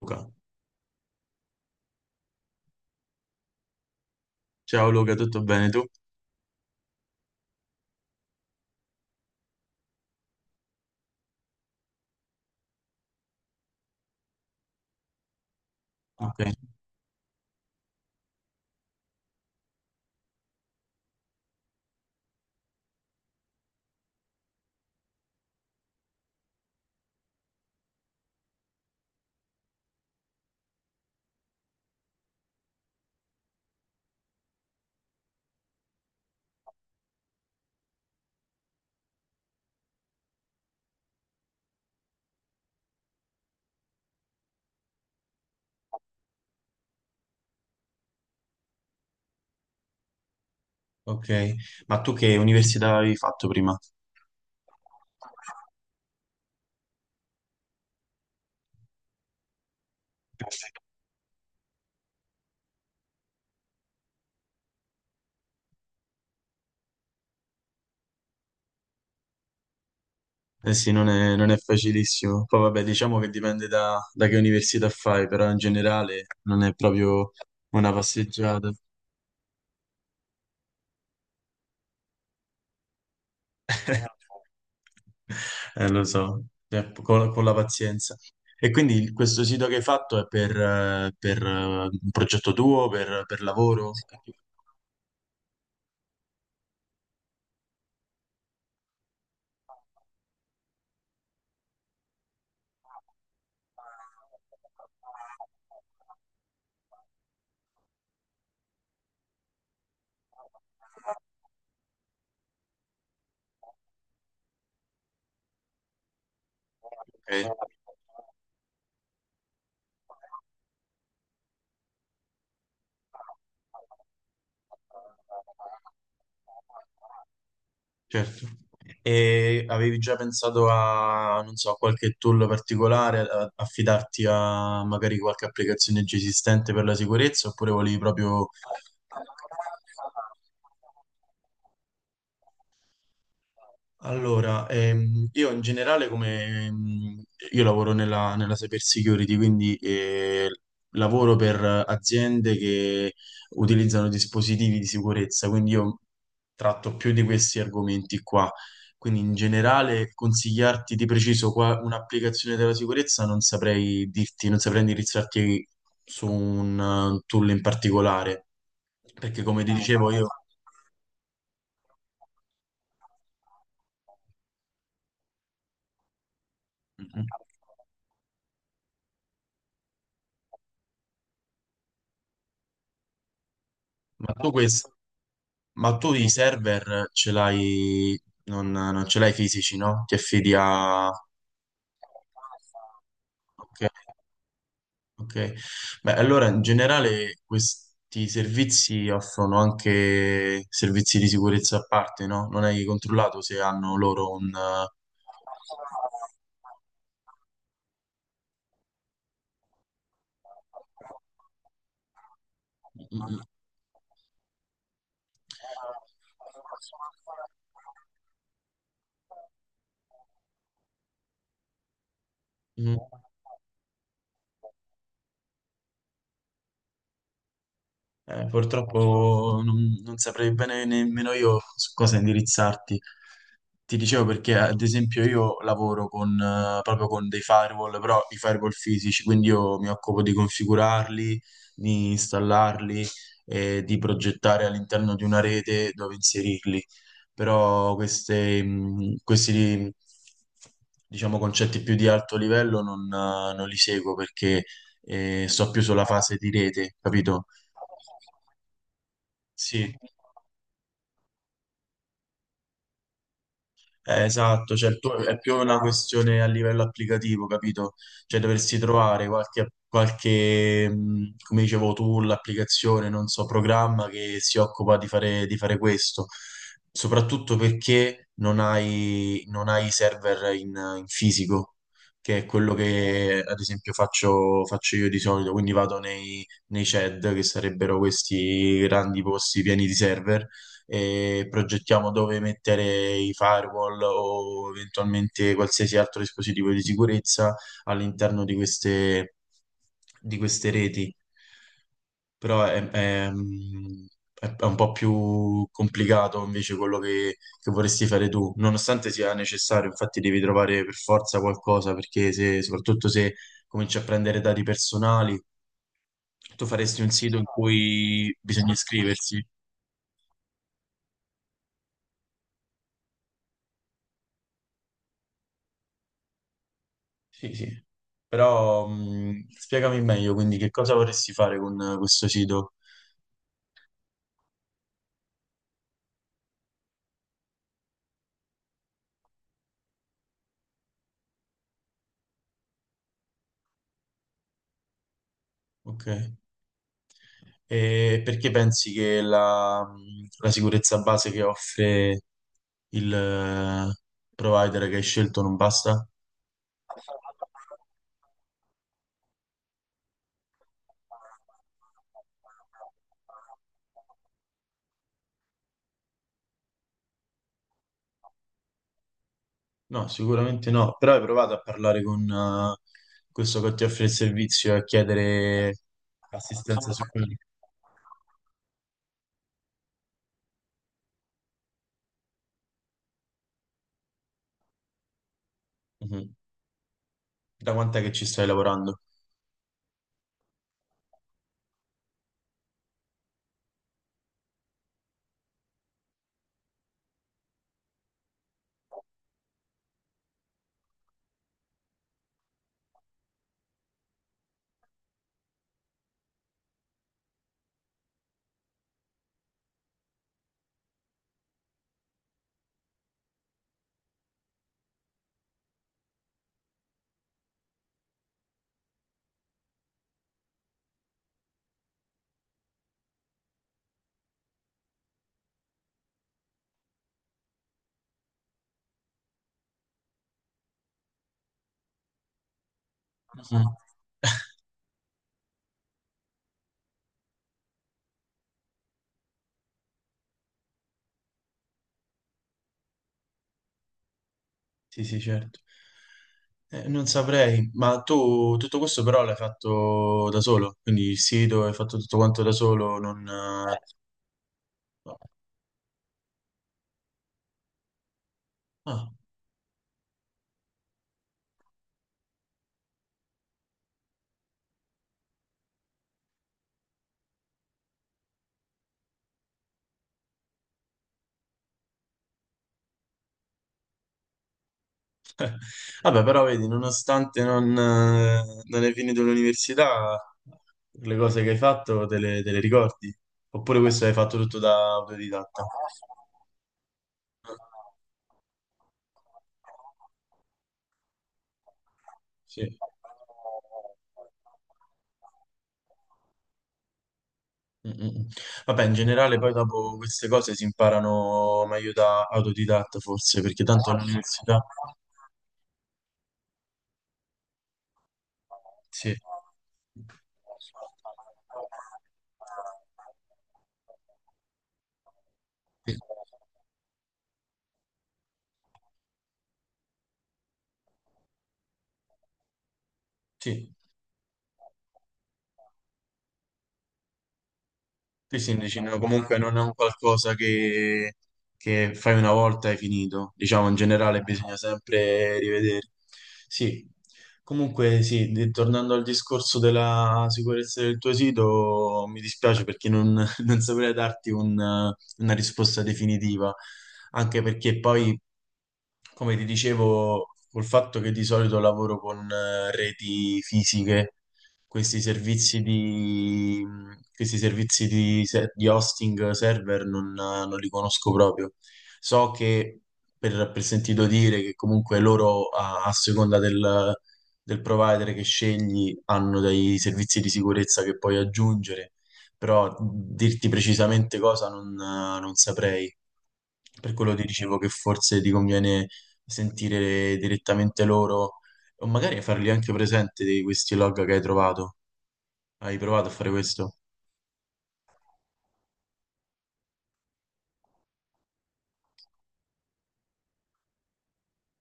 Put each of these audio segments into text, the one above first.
Luca. Ciao Luca, tutto bene tu? Ah, ok, ok. Ma tu che università avevi fatto prima? Eh sì, non è facilissimo. Poi vabbè, diciamo che dipende da che università fai, però in generale non è proprio una passeggiata. Lo so. Con la pazienza. E quindi questo sito che hai fatto è per un progetto tuo, per lavoro? Ok. Certo. E avevi già pensato a, non so, a qualche tool particolare, affidarti a magari qualche applicazione già esistente per la sicurezza, oppure volevi proprio. Allora, io in generale come io lavoro nella cyber security, quindi lavoro per aziende che utilizzano dispositivi di sicurezza, quindi io tratto più di questi argomenti qua. Quindi in generale consigliarti di preciso qua un'applicazione della sicurezza non saprei dirti, non saprei indirizzarti su un tool in particolare, perché come ti, ah, dicevo io. Ma tu, vabbè, questo. Ma tu i server ce l'hai, non ce l'hai fisici, no? Ti affidi a. Ok. Beh, allora in generale questi servizi offrono anche servizi di sicurezza a parte, no? Non hai controllato se hanno loro un. Mm, mm, mm. Purtroppo non saprei bene nemmeno io su cosa indirizzarti. Ti dicevo perché, ad esempio, io lavoro proprio con dei firewall, però i firewall fisici, quindi io mi occupo di configurarli, di installarli e di progettare all'interno di una rete dove inserirli. Però queste, questi, diciamo, concetti più di alto livello non li seguo perché, sto più sulla fase di rete, capito? Sì, esatto, cioè il tuo è più una questione a livello applicativo, capito? Cioè dovresti trovare qualche, come dicevo tu, l'applicazione, non so, programma che si occupa di fare, questo, soprattutto perché non hai i server in fisico, che è quello che ad esempio faccio io di solito, quindi vado nei, CED, che sarebbero questi grandi posti pieni di server e progettiamo dove mettere i firewall o eventualmente qualsiasi altro dispositivo di sicurezza all'interno di queste reti. Però è un po' più complicato invece quello che vorresti fare tu, nonostante sia necessario, infatti devi trovare per forza qualcosa, perché se, soprattutto se cominci a prendere dati personali, tu faresti un sito in cui bisogna iscriversi. Sì, sì. Però spiegami meglio, quindi che cosa vorresti fare con questo sito? Ok. E perché pensi che la sicurezza base che offre il provider che hai scelto non basta? No, sicuramente no, però hai provato a parlare con questo che ti offre il servizio e a chiedere assistenza su quello. Mhm. Da quant'è che ci stai lavorando? Mhm. Sì, sì, certo. Non saprei, ma tu tutto questo però l'hai fatto da solo, quindi il sito hai fatto tutto quanto da solo, non... ah. Vabbè, però vedi, nonostante non hai finito l'università, le cose che hai fatto te le ricordi? Oppure questo hai fatto tutto da autodidatta? Eh, Sì. Mm, mm, mm. Vabbè, in generale poi dopo queste cose si imparano meglio da autodidatta forse, perché tanto all'università. Sì, sì, sì. Sì, sì, dici, no, comunque non è un qualcosa che fai una volta e hai finito. Diciamo, in generale bisogna sempre rivedere. Sì, comunque sì, tornando al discorso della sicurezza del tuo sito, mi dispiace perché non, non saprei darti una risposta definitiva, anche perché poi, come ti dicevo, col fatto che di solito lavoro con reti fisiche questi servizi di, questi servizi di hosting server non li conosco proprio. So che per sentito dire che comunque loro a seconda del provider che scegli hanno dei servizi di sicurezza che puoi aggiungere, però dirti precisamente cosa non saprei. Per quello ti dicevo che forse ti conviene sentire direttamente loro o magari fargli anche presente di questi log che hai trovato. Hai provato a fare questo?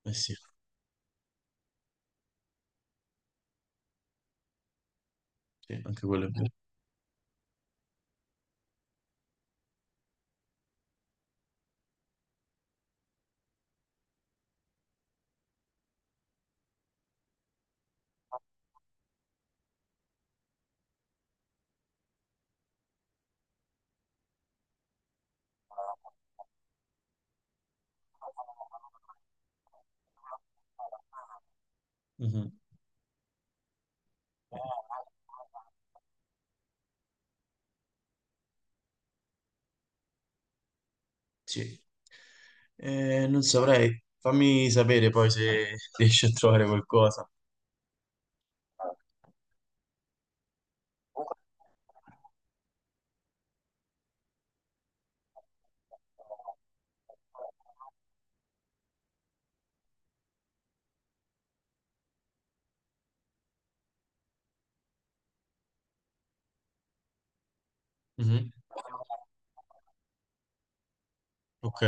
Eh sì, sì, anche quello è vero. Mhm, sì. Non saprei. Fammi sapere poi se riesci a trovare qualcosa. Mhm, ok.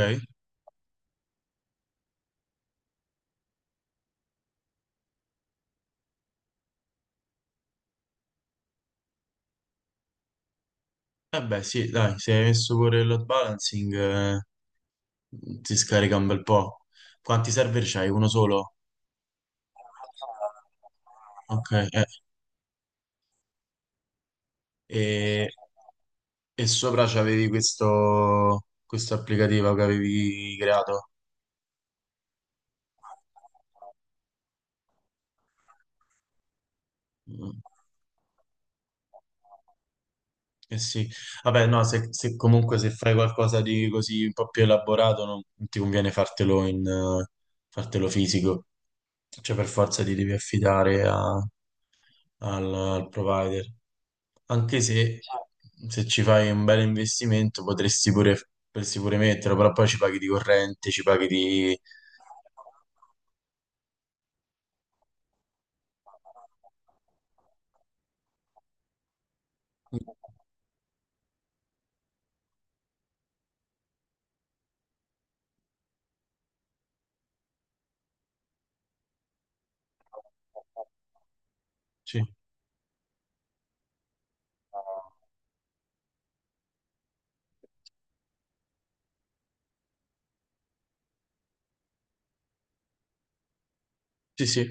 Eh beh, sì, dai, se hai messo pure il load balancing, ti scarica un bel po'. Quanti server c'hai? Uno solo? Ok. E E sopra c'avevi questo applicativo che avevi creato. Mm. Eh sì, vabbè, no, se, comunque se fai qualcosa di così un po' più elaborato, non ti conviene fartelo fisico, cioè per forza ti devi affidare al provider. Anche se ci fai un bel investimento potresti pure metterlo, però poi ci paghi di corrente, ci paghi di. Sì, sì, sì.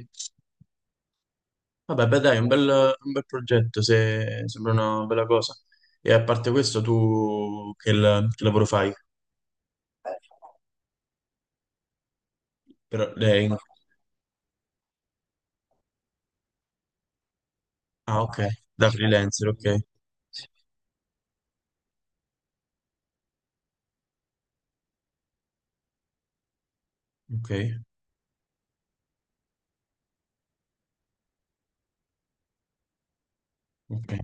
Vabbè, beh, dai, un bel progetto, se sembra una bella cosa. E a parte questo, tu che lavoro fai? Però lei. Ah, ok, da freelancer, ok. Ok, ok.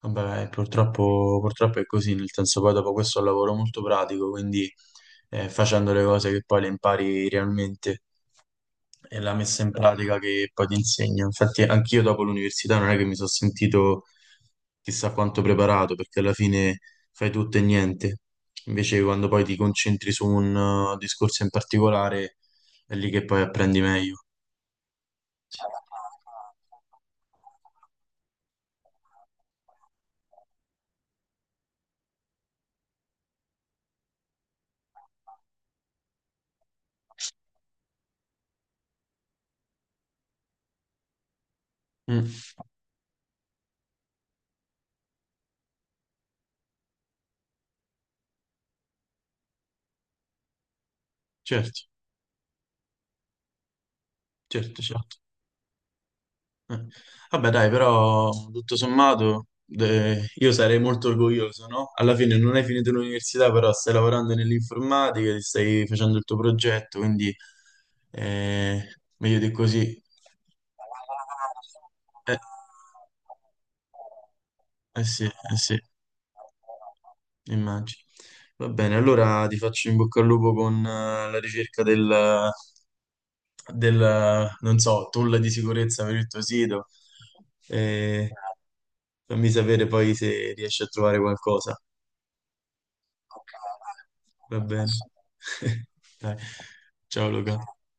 Vabbè, purtroppo, purtroppo è così, nel senso poi dopo questo è un lavoro molto pratico, quindi facendo le cose che poi le impari realmente. È la messa in pratica che poi ti insegna. Infatti, anch'io dopo l'università non è che mi sono sentito chissà quanto preparato, perché alla fine fai tutto e niente. Invece, quando poi ti concentri su un discorso in particolare, è lì che poi apprendi meglio. Mm, certo, certo, certo. Eh. Vabbè, dai, però tutto sommato io sarei molto orgoglioso, no? Alla fine non hai finito l'università, però stai lavorando nell'informatica, ti stai facendo il tuo progetto, quindi eh, meglio di così. Eh, eh sì, eh sì. Immagino. Va bene, allora ti faccio in bocca al lupo con la ricerca del, non so, tool di sicurezza per il tuo sito. E fammi sapere poi se riesci a trovare qualcosa. Va bene. Dai. Ciao Luca.